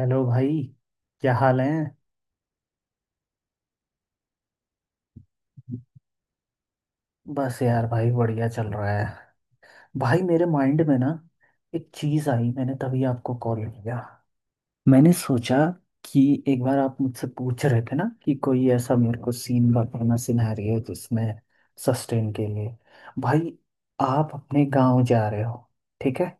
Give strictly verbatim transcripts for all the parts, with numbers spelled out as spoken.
Hello भाई। क्या हाल है। बस यार भाई बढ़िया चल रहा है। भाई मेरे माइंड में ना एक चीज़ आई, मैंने तभी आपको कॉल किया। मैंने सोचा कि एक बार आप मुझसे पूछ रहे थे ना कि कोई ऐसा मेरे को सीन बताना, सिनेरियो जिसमें सस्टेन के लिए। भाई आप अपने गांव जा रहे हो, ठीक है।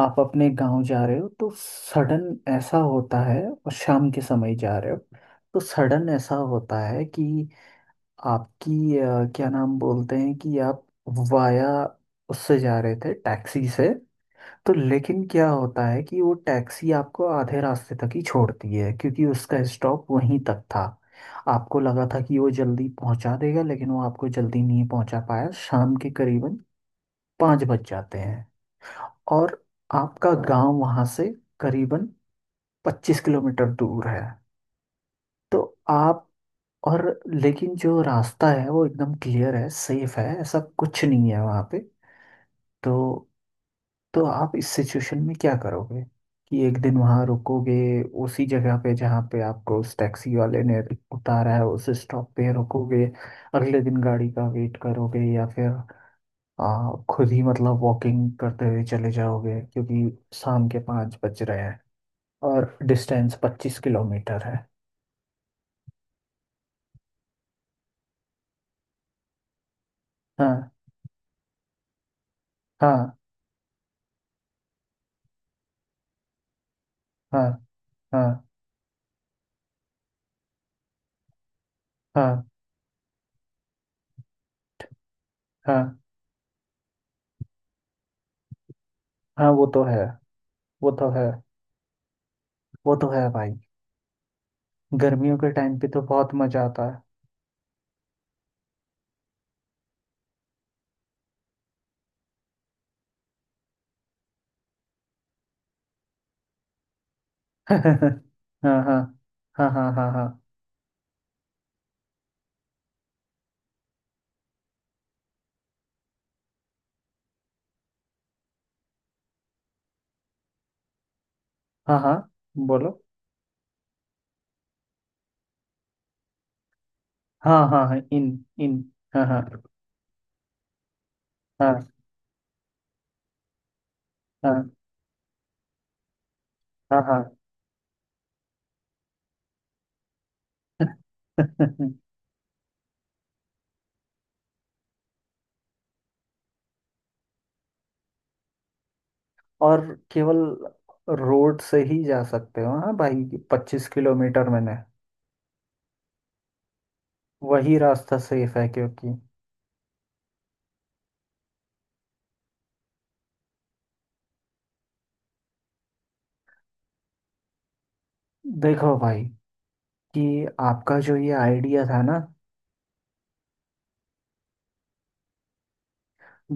आप अपने गांव जा रहे हो तो सडन ऐसा होता है, और शाम के समय जा रहे हो तो सडन ऐसा होता है कि आपकी अ, क्या नाम बोलते हैं कि आप वाया उससे जा रहे थे टैक्सी से। तो लेकिन क्या होता है कि वो टैक्सी आपको आधे रास्ते तक ही छोड़ती है क्योंकि उसका स्टॉप वहीं तक था। आपको लगा था कि वो जल्दी पहुंचा देगा, लेकिन वो आपको जल्दी नहीं पहुंचा पाया। शाम के करीबन पाँच बज जाते हैं, और आपका गांव वहां से करीबन पच्चीस किलोमीटर दूर है। तो आप और, लेकिन जो रास्ता है वो एकदम क्लियर है, सेफ है, ऐसा कुछ नहीं है वहाँ पे। तो तो आप इस सिचुएशन में क्या करोगे, कि एक दिन वहाँ रुकोगे उसी जगह पे जहाँ पे आपको उस टैक्सी वाले ने उतारा है, उस स्टॉप पे रुकोगे, अगले दिन गाड़ी का वेट करोगे, या फिर आ, खुद ही मतलब वॉकिंग करते हुए चले जाओगे क्योंकि शाम के पाँच बज रहे हैं और डिस्टेंस पच्चीस किलोमीटर है। हाँ, हाँ, हाँ, हाँ। हाँ, हाँ, हाँ। वो तो है। वो तो है। वो तो है भाई, गर्मियों के टाइम पे तो बहुत मजा आता है। हाँ, हाँ, हाँ, हाँ, हाँ, हाँ, हाँ, हाँ। बोलो। हाँ, हाँ, हाँ, इन। इन। हाँ, हाँ, हाँ, हाँ, हाँ, हाँ। और केवल रोड से ही जा सकते हो हाँ भाई, पच्चीस किलोमीटर में ना वही रास्ता सेफ है क्योंकि। देखो भाई, कि आपका जो ये आइडिया था ना।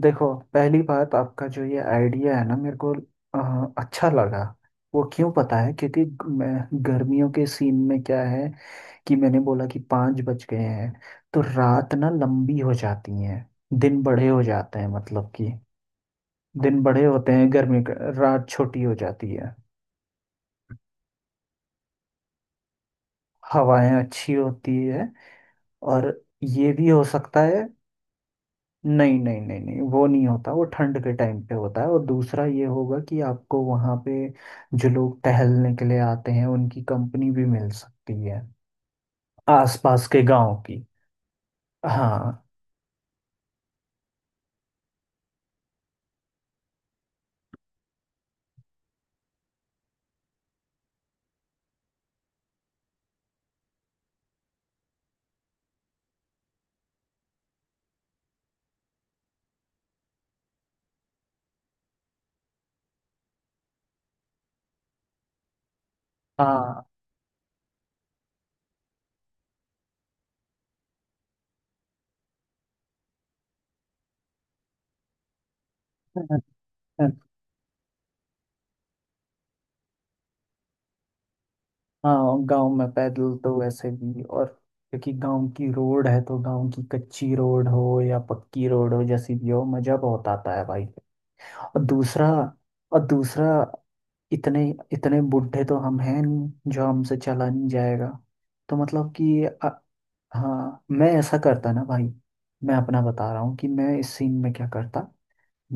देखो, पहली बात आपका जो ये आइडिया है ना, मेरे को अ, अच्छा लगा। वो क्यों पता है, क्योंकि ग- मैं, गर्मियों के सीन में क्या है कि मैंने बोला कि पाँच बज गए हैं, तो रात ना लंबी हो जाती है, दिन बड़े हो जाते हैं, मतलब कि दिन बड़े होते हैं गर्मी का, रात छोटी हो जाती है, हवाएं अच्छी होती है, और ये भी हो सकता है। नहीं, नहीं, नहीं, नहीं, वो नहीं होता, वो ठंड के टाइम पे होता है। और दूसरा ये होगा कि आपको वहाँ पे जो लोग टहलने के लिए आते हैं उनकी कंपनी भी मिल सकती है, आसपास के गांव की। हाँ, हाँ। हाँ, गांव में पैदल तो वैसे भी, और क्योंकि गांव की रोड है तो गांव की कच्ची रोड हो या पक्की रोड हो, जैसी भी हो, मजा बहुत आता है भाई। और दूसरा और दूसरा इतने इतने बुढ़े तो हम हैं नहीं जो हमसे चला नहीं जाएगा। तो मतलब कि अ- हाँ, मैं ऐसा करता ना भाई। मैं अपना बता रहा हूँ कि मैं इस सीन में क्या करता।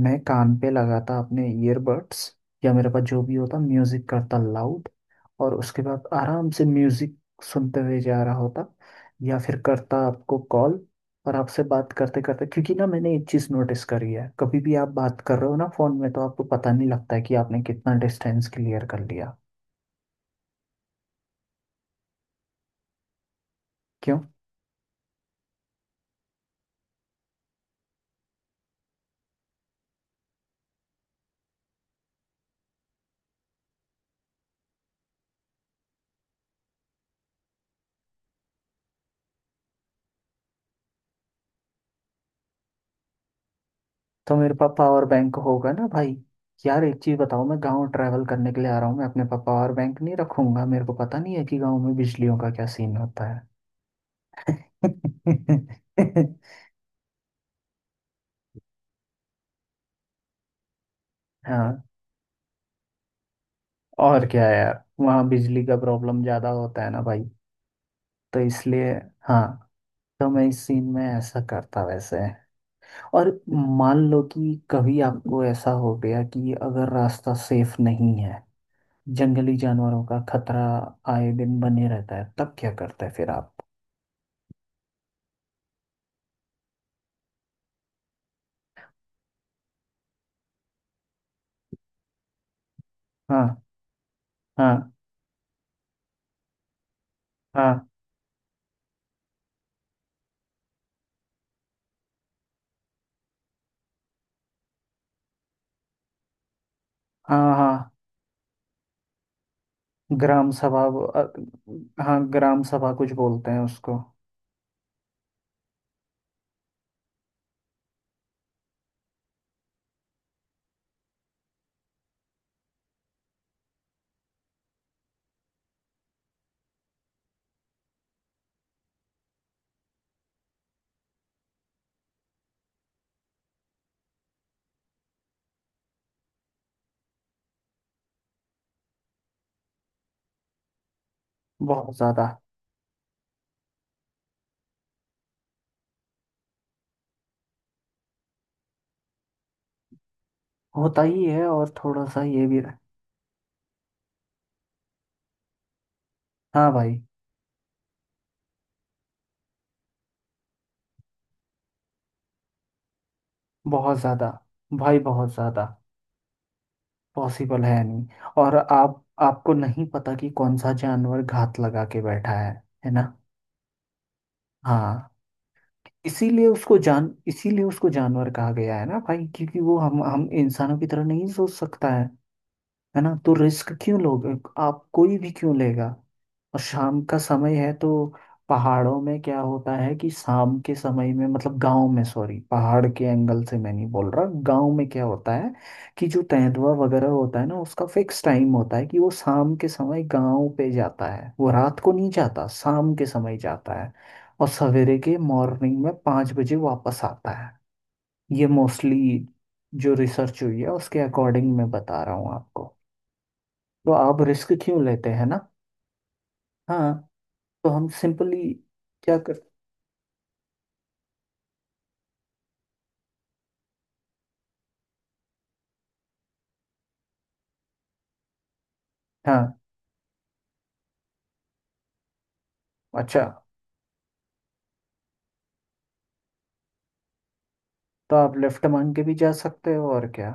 मैं कान पे लगाता अपने ईयरबड्स, या मेरे पास जो भी होता म्यूजिक करता लाउड, और उसके बाद आराम से म्यूजिक सुनते हुए जा रहा होता, या फिर करता आपको कॉल, और आपसे बात करते करते। क्योंकि ना मैंने एक चीज़ नोटिस करी है, कभी भी आप बात कर रहे हो ना फोन में, तो आपको पता नहीं लगता है कि आपने कितना डिस्टेंस क्लियर कर लिया। क्यों? तो मेरे पास पावर बैंक होगा ना भाई। यार एक चीज़ बताओ, मैं गांव ट्रैवल करने के लिए आ रहा हूँ, मैं अपने पास पावर बैंक नहीं रखूंगा? मेरे को पता नहीं है कि गांव में बिजलियों का क्या सीन होता है। हाँ, और क्या यार, वहाँ बिजली का प्रॉब्लम ज्यादा होता है ना भाई, तो इसलिए। हाँ। तो मैं इस सीन में ऐसा करता वैसे। और मान लो कि कभी आपको ऐसा हो गया कि अगर रास्ता सेफ नहीं है, जंगली जानवरों का खतरा आए दिन बने रहता है, तब क्या करते हैं फिर आप? हाँ, हाँ। हाँ, हाँ, हाँ। ग्राम सभा, वो, अ, हाँ, ग्राम सभा कुछ बोलते हैं उसको। बहुत ज्यादा। होता ही है, और थोड़ा सा ये भी। हाँ भाई, बहुत ज़्यादा। भाई बहुत ज़्यादा। पॉसिबल है नहीं, और आप आपको नहीं पता कि कौन सा जानवर घात लगा के बैठा है। है ना? हाँ। इसीलिए उसको जान इसीलिए उसको जानवर कहा गया है ना भाई, क्योंकि वो हम हम इंसानों की तरह नहीं सोच सकता है। है ना, तो रिस्क क्यों लोगे। आप, कोई भी क्यों लेगा। और शाम का समय है तो, पहाड़ों में क्या होता है कि शाम के समय में, मतलब गांव में, सॉरी पहाड़ के एंगल से मैं नहीं बोल रहा, गांव में क्या होता है कि जो तेंदुआ वगैरह होता है ना, उसका फिक्स टाइम होता है कि वो शाम के समय गांव पे जाता है, वो रात को नहीं जाता, शाम के समय जाता है, और सवेरे के मॉर्निंग में पाँच बजे वापस आता है। ये मोस्टली जो रिसर्च हुई है उसके अकॉर्डिंग मैं बता रहा हूँ आपको। तो आप रिस्क क्यों लेते हैं ना। हाँ। तो हम सिंपली क्या कर। हाँ, अच्छा, तो आप लेफ्ट मांग के भी जा सकते हो और क्या।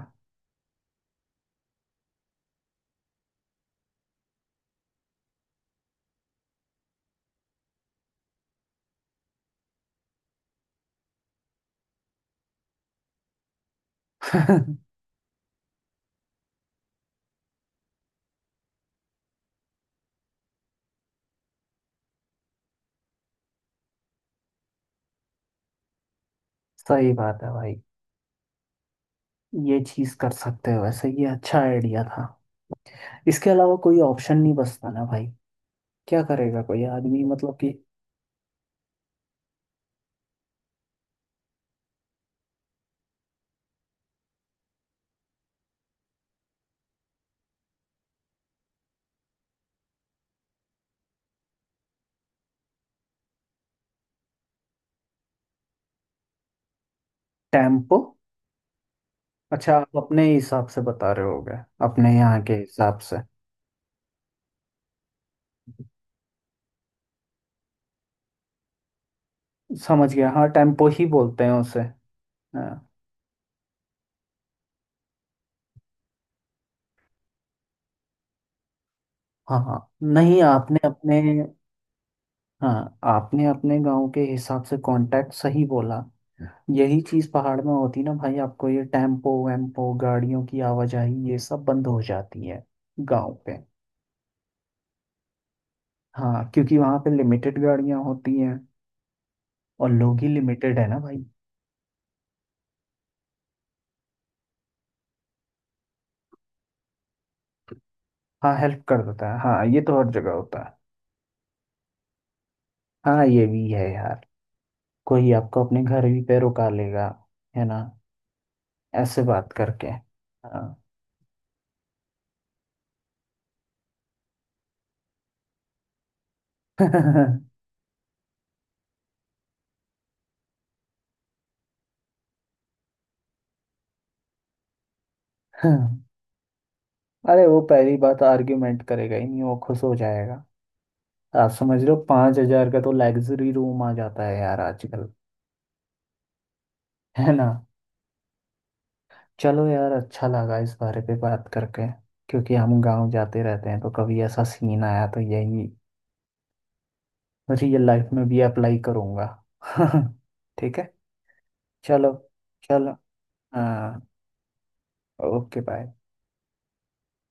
सही बात है भाई, ये चीज कर सकते हो वैसे, ये अच्छा आइडिया था। इसके अलावा कोई ऑप्शन नहीं बचता ना भाई। क्या करेगा कोई आदमी मतलब कि। टेम्पो? अच्छा, आप अपने हिसाब से बता रहे होगे, अपने यहाँ के हिसाब से। समझ गया, हाँ टेम्पो ही बोलते हैं उसे। हाँ, हाँ, हाँ। नहीं, आपने अपने, हाँ आपने अपने गांव के हिसाब से कांटेक्ट सही बोला। यही चीज पहाड़ में होती ना भाई, आपको ये टेम्पो वेम्पो गाड़ियों की आवाजाही ये सब बंद हो जाती है गांव पे। हाँ, क्योंकि वहां पे लिमिटेड गाड़ियां होती हैं, और लोग ही लिमिटेड है ना भाई। हाँ, हेल्प कर देता है, हाँ ये तो हर जगह होता है। हाँ ये भी है यार, कोई आपको अपने घर भी पे रुका लेगा, है ना, ऐसे बात करके। हाँ। अरे वो पहली बात आर्ग्यूमेंट करेगा ही नहीं, वो खुश हो जाएगा। आप समझ लो पांच हजार का तो लग्जरी रूम आ जाता है यार आजकल, है ना। चलो यार, अच्छा लगा इस बारे पे बात करके, क्योंकि हम गांव जाते रहते हैं तो कभी ऐसा सीन आया तो यही रियल लाइफ में भी अप्लाई करूंगा। ठीक है चलो। चलो, हाँ, ओके बाय।